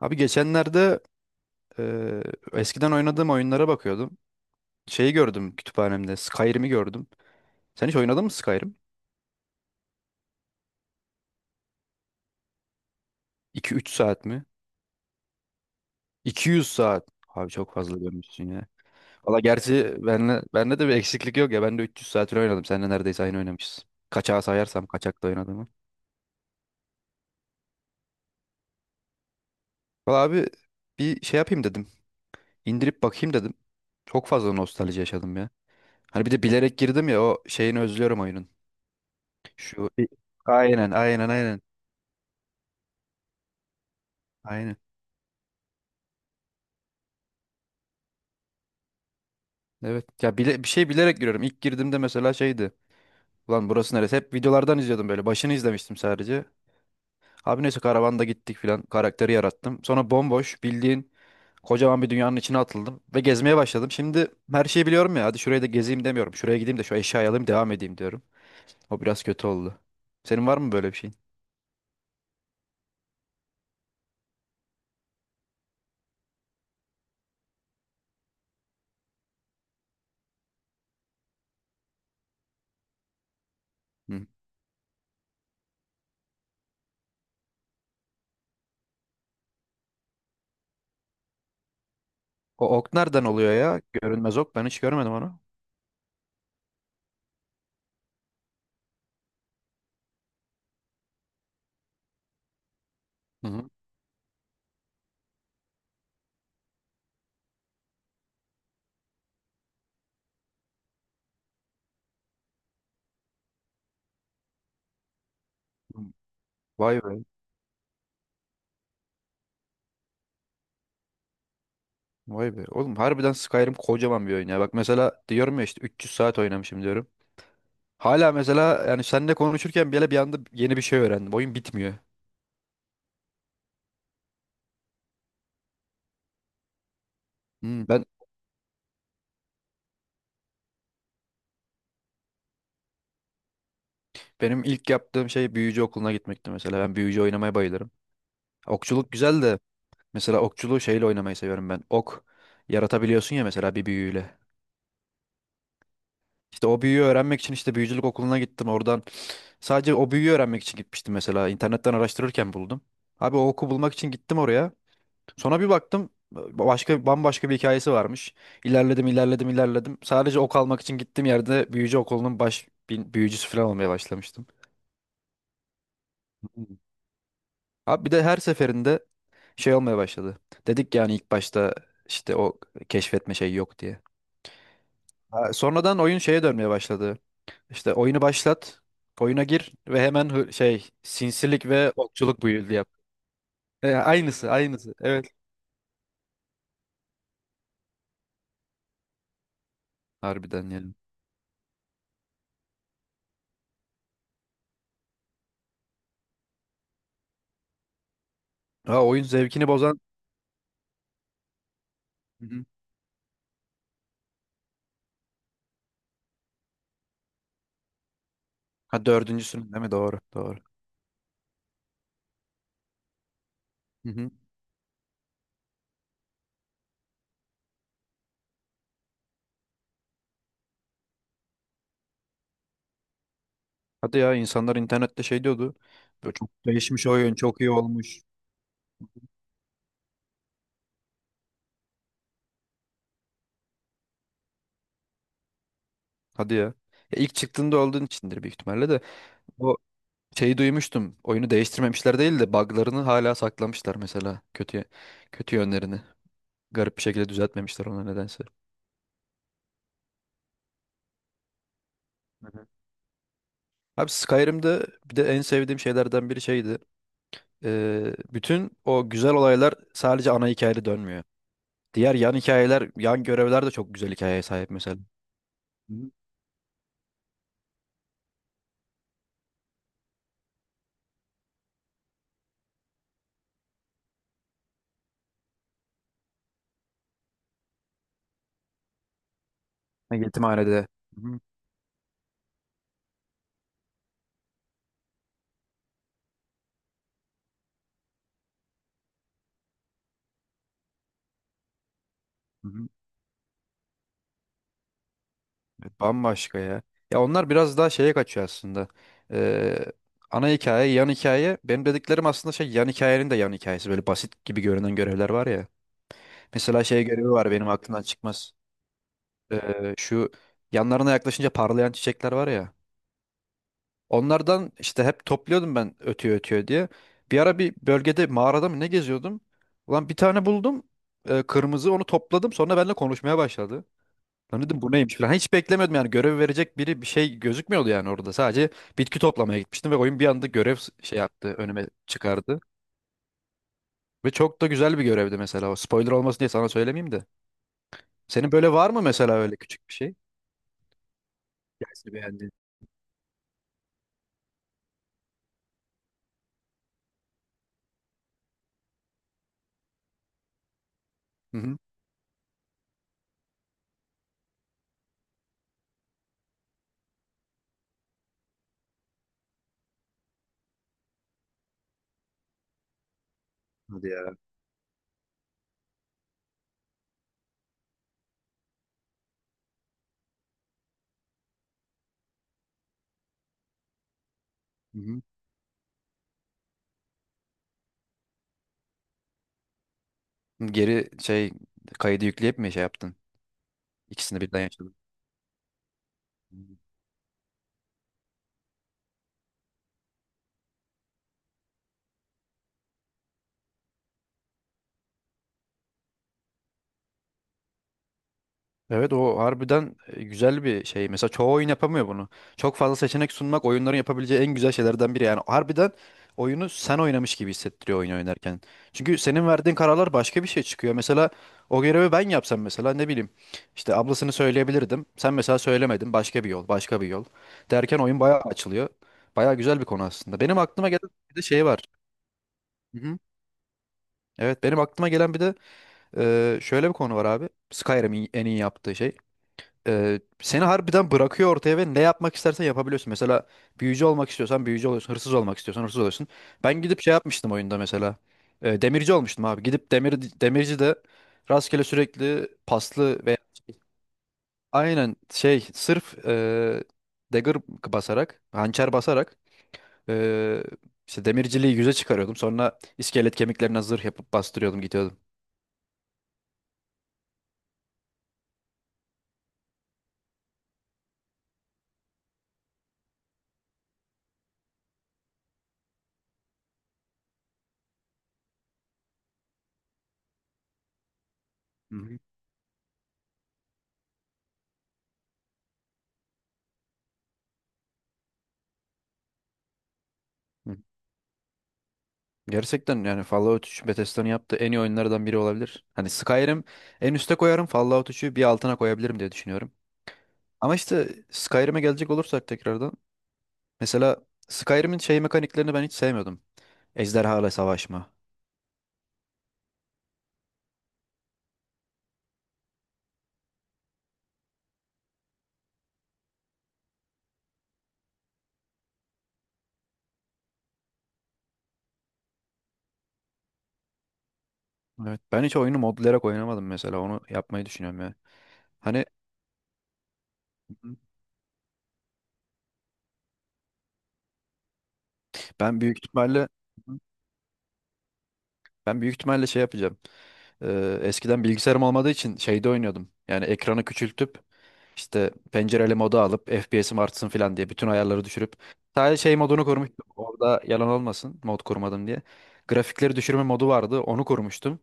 Abi geçenlerde eee, eskiden oynadığım oyunlara bakıyordum. Şeyi gördüm kütüphanemde. Skyrim'i gördüm. Sen hiç oynadın mı Skyrim? 2-3 saat mi? 200 saat. Abi çok fazla görmüşsün ya. Valla gerçi bende de bir eksiklik yok ya. Ben de 300 saatini oynadım. Seninle neredeyse aynı oynamışız. Kaçağı sayarsam kaçakta oynadığımı. Valla abi bir şey yapayım dedim. İndirip bakayım dedim. Çok fazla nostalji yaşadım ya. Hani bir de bilerek girdim ya o şeyini özlüyorum oyunun. Şu aynen, aynen, aynen. Aynen. Evet. Ya bir şey bilerek giriyorum. İlk girdiğimde mesela şeydi. Ulan burası neresi? Hep videolardan izliyordum böyle. Başını izlemiştim sadece. Abi neyse karavanda gittik filan. Karakteri yarattım. Sonra bomboş bildiğin kocaman bir dünyanın içine atıldım. Ve gezmeye başladım. Şimdi her şeyi biliyorum ya. Hadi şurayı da gezeyim demiyorum. Şuraya gideyim de şu eşyayı alayım devam edeyim diyorum. O biraz kötü oldu. Senin var mı böyle bir şeyin? Hı. O ok nereden oluyor ya? Görünmez ok. Ben hiç görmedim onu. Hı hı. Vay be. Vay be. Oğlum harbiden Skyrim kocaman bir oyun ya. Bak mesela diyorum ya işte 300 saat oynamışım diyorum. Hala mesela yani seninle konuşurken bile bir anda yeni bir şey öğrendim. Oyun bitmiyor. Hmm, ben Benim ilk yaptığım şey büyücü okuluna gitmekti mesela. Ben büyücü oynamaya bayılırım. Okçuluk güzel de mesela okçuluğu şeyle oynamayı seviyorum ben. Ok yaratabiliyorsun ya mesela bir büyüyle. İşte o büyüyü öğrenmek için işte büyücülük okuluna gittim oradan. Sadece o büyüyü öğrenmek için gitmiştim mesela. İnternetten araştırırken buldum. Abi o oku bulmak için gittim oraya. Sonra bir baktım başka bambaşka bir hikayesi varmış. İlerledim, ilerledim, ilerledim. Sadece ok almak için gittiğim yerde büyücü okulunun baş büyücüsü falan olmaya başlamıştım. Hmm. Abi bir de her seferinde şey olmaya başladı. Dedik yani ilk başta işte o keşfetme şeyi yok diye. Ha, sonradan oyun şeye dönmeye başladı. İşte oyunu başlat, oyuna gir ve hemen şey sinsilik ve okçuluk build yap. Aynısı, aynısı. Evet. Harbiden yani. Ha, oyun zevkini bozan. Hı hı. Ha dördüncüsünün değil mi? Doğru, doğru. Hı hı. Hadi ya insanlar internette şey diyordu. Böyle çok değişmiş oyun çok iyi olmuş. Hadi ya. Ya ilk çıktığında olduğun içindir büyük ihtimalle de. O şeyi duymuştum. Oyunu değiştirmemişler değil de buglarını hala saklamışlar mesela. Kötü kötü yönlerini. Garip bir şekilde düzeltmemişler ona nedense. Hı hı. Abi Skyrim'de bir de en sevdiğim şeylerden biri şeydi. Bütün o güzel olaylar sadece ana hikayede dönmüyor. Diğer yan hikayeler, yan görevler de çok güzel hikayeye sahip mesela. Hı hı. Yetimhanede. Hı hı. Hı hı. Evet, bambaşka ya. Ya onlar biraz daha şeye kaçıyor aslında. Ee, Ana hikaye, yan hikaye. Benim dediklerim aslında şey yan hikayenin de yan hikayesi. Böyle basit gibi görünen görevler var ya. Mesela şey görevi var benim aklımdan çıkmaz. Şu yanlarına yaklaşınca parlayan çiçekler var ya. Onlardan işte hep topluyordum ben ötüyor ötüyor diye. Bir ara bir bölgede mağarada mı ne geziyordum. Ulan bir tane buldum. Kırmızı onu topladım. Sonra benimle konuşmaya başladı. Lan dedim bu neymiş falan. Hiç beklemiyordum yani görev verecek biri bir şey gözükmüyordu yani orada. Sadece bitki toplamaya gitmiştim ve oyun bir anda görev şey yaptı önüme çıkardı. Ve çok da güzel bir görevdi mesela o. Spoiler olmasın diye sana söylemeyeyim de. Senin böyle var mı mesela öyle küçük bir şey? Hikayesini beğendin. Hı hı. Hadi ya. Hı hı. Geri şey kaydı yükleyip mi şey yaptın? İkisini birden yaşadın. Evet o harbiden güzel bir şey. Mesela çoğu oyun yapamıyor bunu. Çok fazla seçenek sunmak oyunların yapabileceği en güzel şeylerden biri. Yani harbiden oyunu sen oynamış gibi hissettiriyor oyun oynarken. Çünkü senin verdiğin kararlar başka bir şey çıkıyor. Mesela o görevi ben yapsam mesela ne bileyim işte ablasını söyleyebilirdim. Sen mesela söylemedin başka bir yol başka bir yol derken oyun bayağı açılıyor. Bayağı güzel bir konu aslında. Benim aklıma gelen bir de şey var. Hı hı. Evet benim aklıma gelen bir de şöyle bir konu var abi. Skyrim'in en iyi yaptığı şey seni harbiden bırakıyor ortaya ve ne yapmak istersen yapabiliyorsun. Mesela büyücü olmak istiyorsan büyücü oluyorsun. Hırsız olmak istiyorsan hırsız oluyorsun. Ben gidip şey yapmıştım oyunda mesela. Demirci olmuştum abi. Gidip demirci de rastgele sürekli paslı ve aynen şey sırf dagger basarak, hançer basarak e, işte demirciliği yüze çıkarıyordum. Sonra iskelet kemiklerine zırh yapıp bastırıyordum gidiyordum. Hı hı. Gerçekten yani Fallout 3 Bethesda'nın yaptığı en iyi oyunlardan biri olabilir. Hani Skyrim en üste koyarım, Fallout 3'ü bir altına koyabilirim diye düşünüyorum. Ama işte Skyrim'e gelecek olursak tekrardan. Mesela Skyrim'in şey mekaniklerini ben hiç sevmiyordum. Ejderhalarla savaşma. Evet. Ben hiç oyunu modlayarak oynamadım mesela. Onu yapmayı düşünüyorum yani. Hani ben büyük ihtimalle ben büyük ihtimalle şey yapacağım. Eskiden bilgisayarım olmadığı için şeyde oynuyordum. Yani ekranı küçültüp İşte pencereli modu alıp FPS'im artsın falan diye bütün ayarları düşürüp sadece şey modunu korumuştum. Orada yalan olmasın mod korumadım diye. Grafikleri düşürme modu vardı. Onu korumuştum.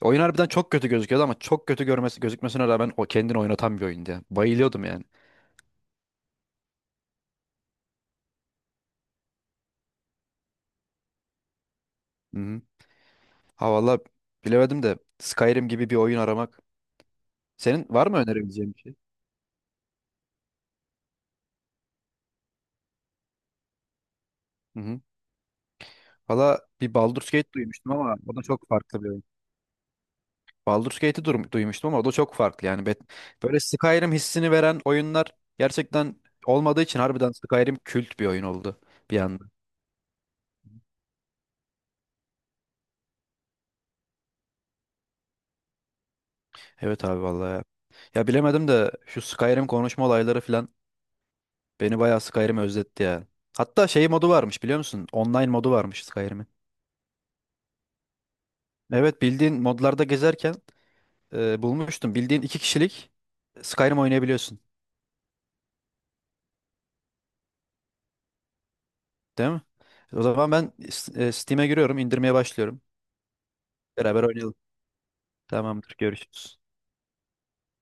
Oyun harbiden çok kötü gözüküyordu ama çok kötü gözükmesine rağmen o kendini oynatan bir oyundu ya. Bayılıyordum yani. Hı hı. Ha valla bilemedim de Skyrim gibi bir oyun aramak. Senin var mı önerebileceğin bir şey? Hı hı. Valla bir Baldur's Gate duymuştum ama o da çok farklı bir Baldur's Gate'i duymuştum ama o da çok farklı yani. Bet- Böyle Skyrim hissini veren oyunlar gerçekten olmadığı için harbiden Skyrim kült bir oyun oldu bir anda. Evet abi vallahi ya. Ya bilemedim de şu Skyrim konuşma olayları falan beni bayağı Skyrim özletti ya. Hatta şey modu varmış biliyor musun? Online modu varmış Skyrim'in. Evet bildiğin modlarda gezerken bulmuştum. Bildiğin iki kişilik Skyrim oynayabiliyorsun değil mi? O zaman ben Steam'e giriyorum, indirmeye başlıyorum. Beraber oynayalım. Tamamdır, görüşürüz.